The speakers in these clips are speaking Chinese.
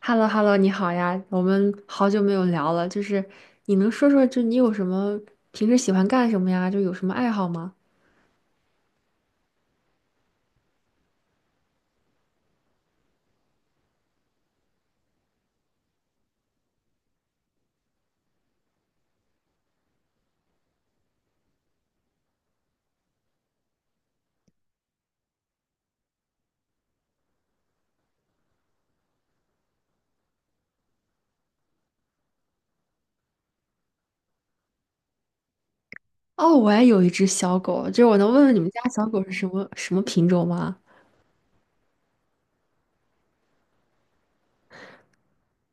h e l l o h e l l o 你好呀，我们好久没有聊了，就是你能说说，就你有什么平时喜欢干什么呀？就有什么爱好吗？哦，我也有一只小狗，就是我能问问你们家小狗是什么什么品种吗？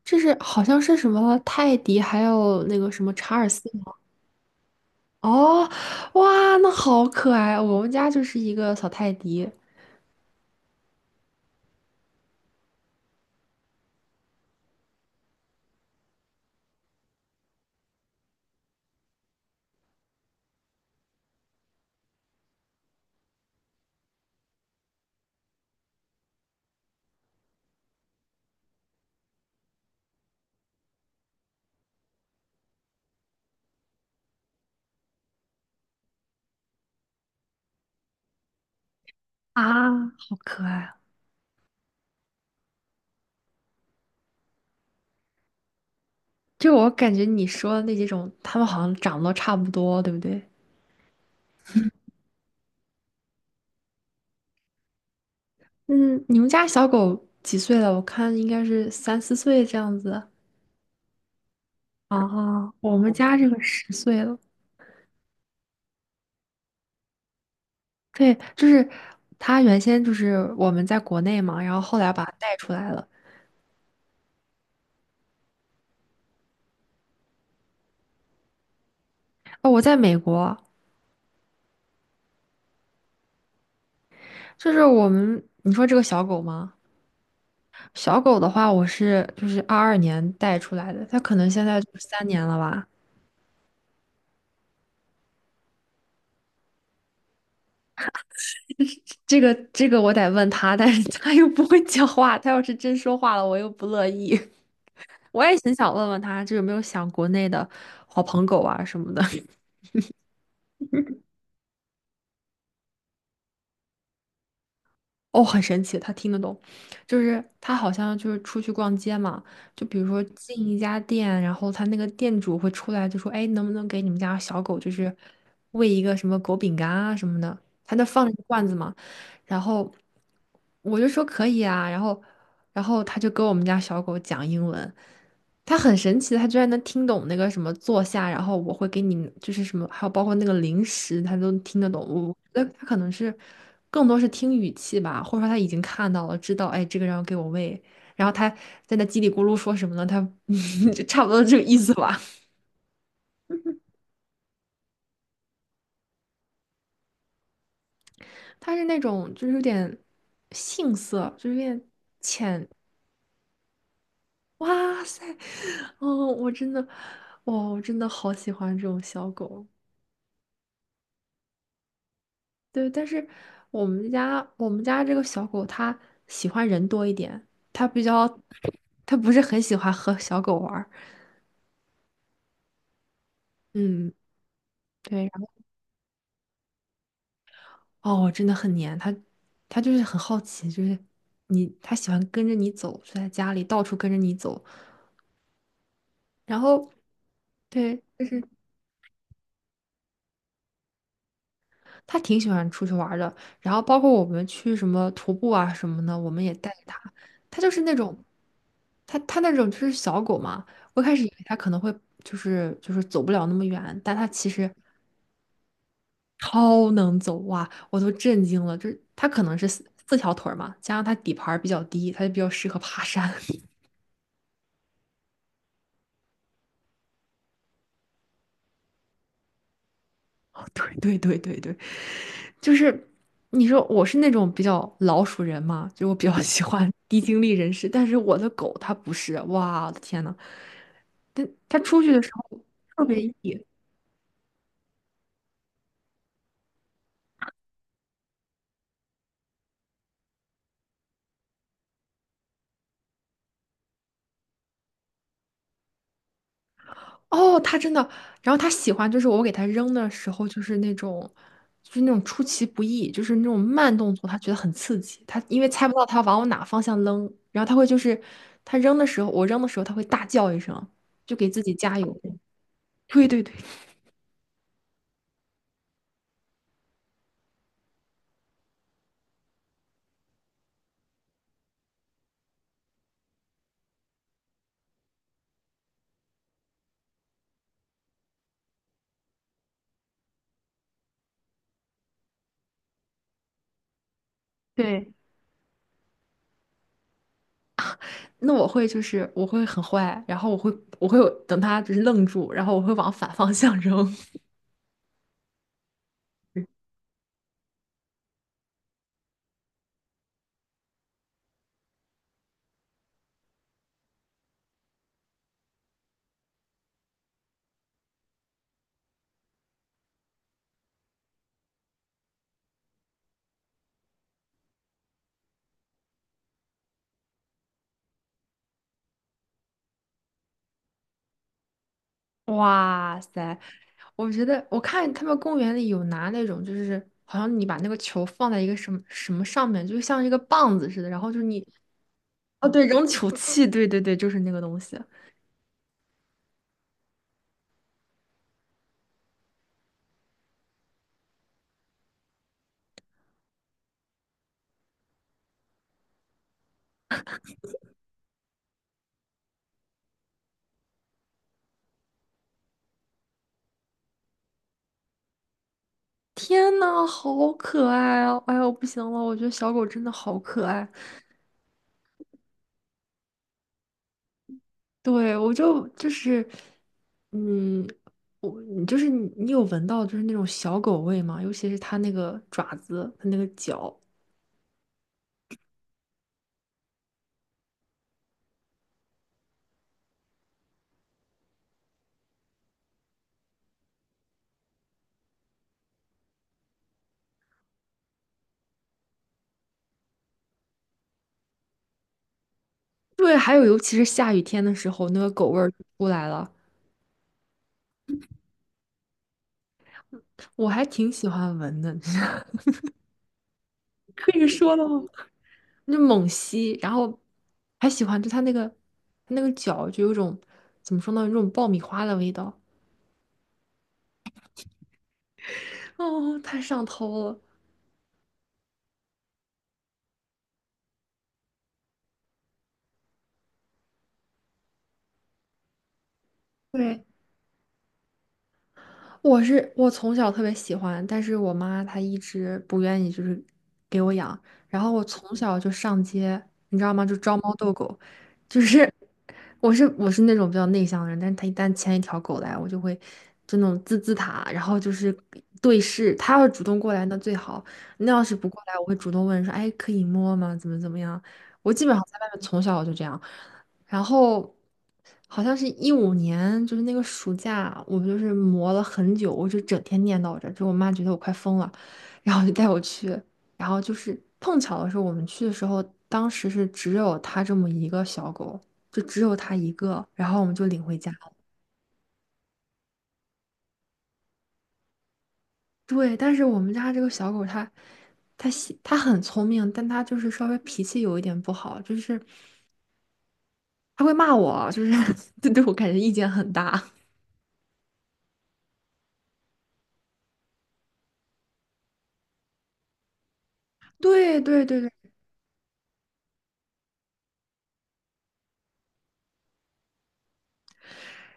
就是好像是什么泰迪，还有那个什么查尔斯吗？哦，哇，那好可爱！我们家就是一个小泰迪啊，好可爱啊！就我感觉你说的那几种，它们好像长得都差不多，对不对？嗯，你们家小狗几岁了？我看应该是三四岁这样子。啊。我们家这个十岁了。对，就是它原先就是我们在国内嘛，然后后来把它带出来了。哦，我在美国，就是我们，你说这个小狗吗？小狗的话，我是就是22年带出来的，它可能现在就是3年了吧。这个我得问它，但是它又不会讲话，它要是真说话了，我又不乐意。我也很想问问他，就有没有想国内的好朋狗啊什么的。哦，很神奇，他听得懂，就是他好像就是出去逛街嘛，就比如说进一家店，然后他那个店主会出来就说：“哎，能不能给你们家小狗就是喂一个什么狗饼干啊什么的？”他那放着一个罐子嘛，然后我就说可以啊，然后他就跟我们家小狗讲英文。它很神奇的，它居然能听懂那个什么坐下，然后我会给你就是什么，还有包括那个零食，它都听得懂。我觉得它可能是更多是听语气吧，或者说他已经看到了，知道哎这个人要给我喂，然后他在那叽里咕噜说什么呢？他 就差不多这个意思吧。他是那种就是有点杏色，就是有点浅。哇塞，哦，我真的，哇，我真的好喜欢这种小狗。对，但是我们家这个小狗它喜欢人多一点，它比较 它不是很喜欢和小狗玩儿。嗯，对，然后哦，真的很黏它，它就是很好奇，就是它喜欢跟着你走，就在家里到处跟着你走。然后对，就是他挺喜欢出去玩儿的，然后包括我们去什么徒步啊什么的，我们也带着他。他就是那种，他那种就是小狗嘛，我一开始以为他可能会就是走不了那么远，但他其实超能走哇，我都震惊了。就是他可能是四条腿儿嘛，加上他底盘儿比较低，他就比较适合爬山。哦，对对对对对，就是你说我是那种比较老鼠人嘛，就我比较喜欢 低精力人士，但是我的狗它不是，哇，我的天呐！他他出去的时候特别野。哦，他真的，然后他喜欢就是我给他扔的时候，就是那种，就是那种出其不意，就是那种慢动作，他觉得很刺激。他因为猜不到他往我哪方向扔，然后他会就是他扔的时候，我扔的时候，他会大叫一声，就给自己加油。对对对对，那我会很坏，然后我会有等他就是愣住，然后我会往反方向扔。哇塞，我觉得我看他们公园里有拿那种，就是好像你把那个球放在一个什么什么上面，就像一个棒子似的，然后就是你，哦对，扔球器，对对对，就是那个东西。天呐，好可爱啊！哎呦，不行了，我觉得小狗真的好可爱。对，我就就是，嗯，你就是你有闻到就是那种小狗味吗？尤其是它那个爪子，它那个脚。对，还有尤其是下雨天的时候，那个狗味儿就出来了。我还挺喜欢闻的，可以说了吗？那猛吸，然后还喜欢就它那个脚就有种怎么说呢，有种爆米花的味道，哦，太上头了。对，我从小特别喜欢，但是我妈她一直不愿意，就是给我养。然后我从小就上街，你知道吗？就招猫逗狗，就是我是那种比较内向的人，但是她一旦牵一条狗来，我就会就那种滋滋它，然后就是对视。她要是主动过来那最好，那要是不过来，我会主动问说，哎，可以摸吗？怎么样？我基本上在外面从小我就这样。然后好像是15年，就是那个暑假，我们就是磨了很久，我就整天念叨着，就我妈觉得我快疯了，然后就带我去，然后就是碰巧的是我们去的时候，当时是只有它这么一个小狗，就只有它一个，然后我们就领回家了。对，但是我们家这个小狗它很聪明，但它就是稍微脾气有一点不好，就是它会骂我，就是 就对我感觉意见很大。对对对对。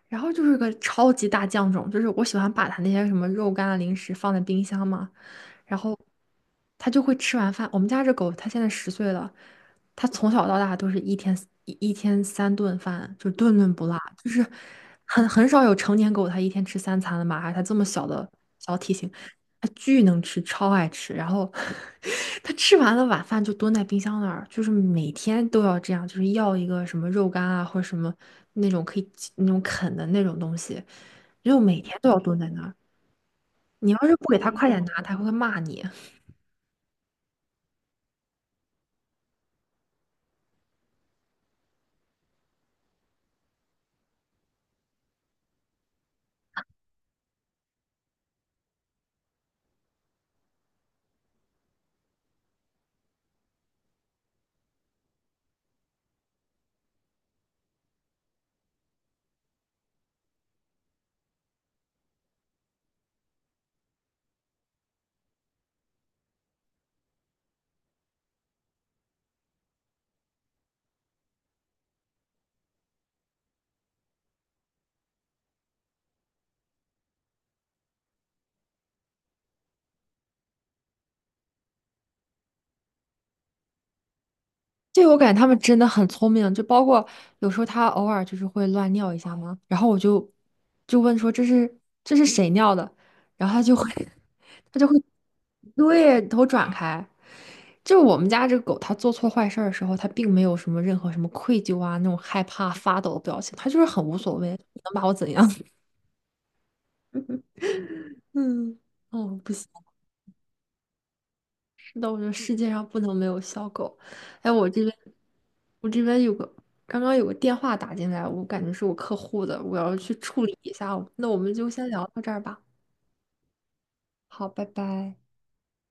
然后就是个超级大酱种，就是我喜欢把它那些什么肉干啊、零食放在冰箱嘛，然后它就会吃完饭。我们家这狗它现在十岁了，它从小到大都是一天三顿饭，就顿顿不落，就是很少有成年狗它一天吃三餐的嘛，而它这么小的小体型，它巨能吃，超爱吃。然后 它吃完了晚饭就蹲在冰箱那儿，就是每天都要这样，就是要一个什么肉干啊，或者什么那种可以那种啃的那种东西，就每天都要蹲在那儿。你要是不给它快点拿，它会骂你。对，我感觉他们真的很聪明，就包括有时候他偶尔就是会乱尿一下嘛，然后我就问说这是谁尿的，然后他就会 他就会对头转开。就是我们家这个狗，它做错坏事儿的时候，它并没有什么任何什么愧疚啊那种害怕发抖的表情，它就是很无所谓，能把我怎样？嗯，哦，不行。是我觉得世界上不能没有小狗。哎，我这边刚刚有个电话打进来，我感觉是我客户的，我要去处理一下哦。那我们就先聊到这儿吧。好，拜拜。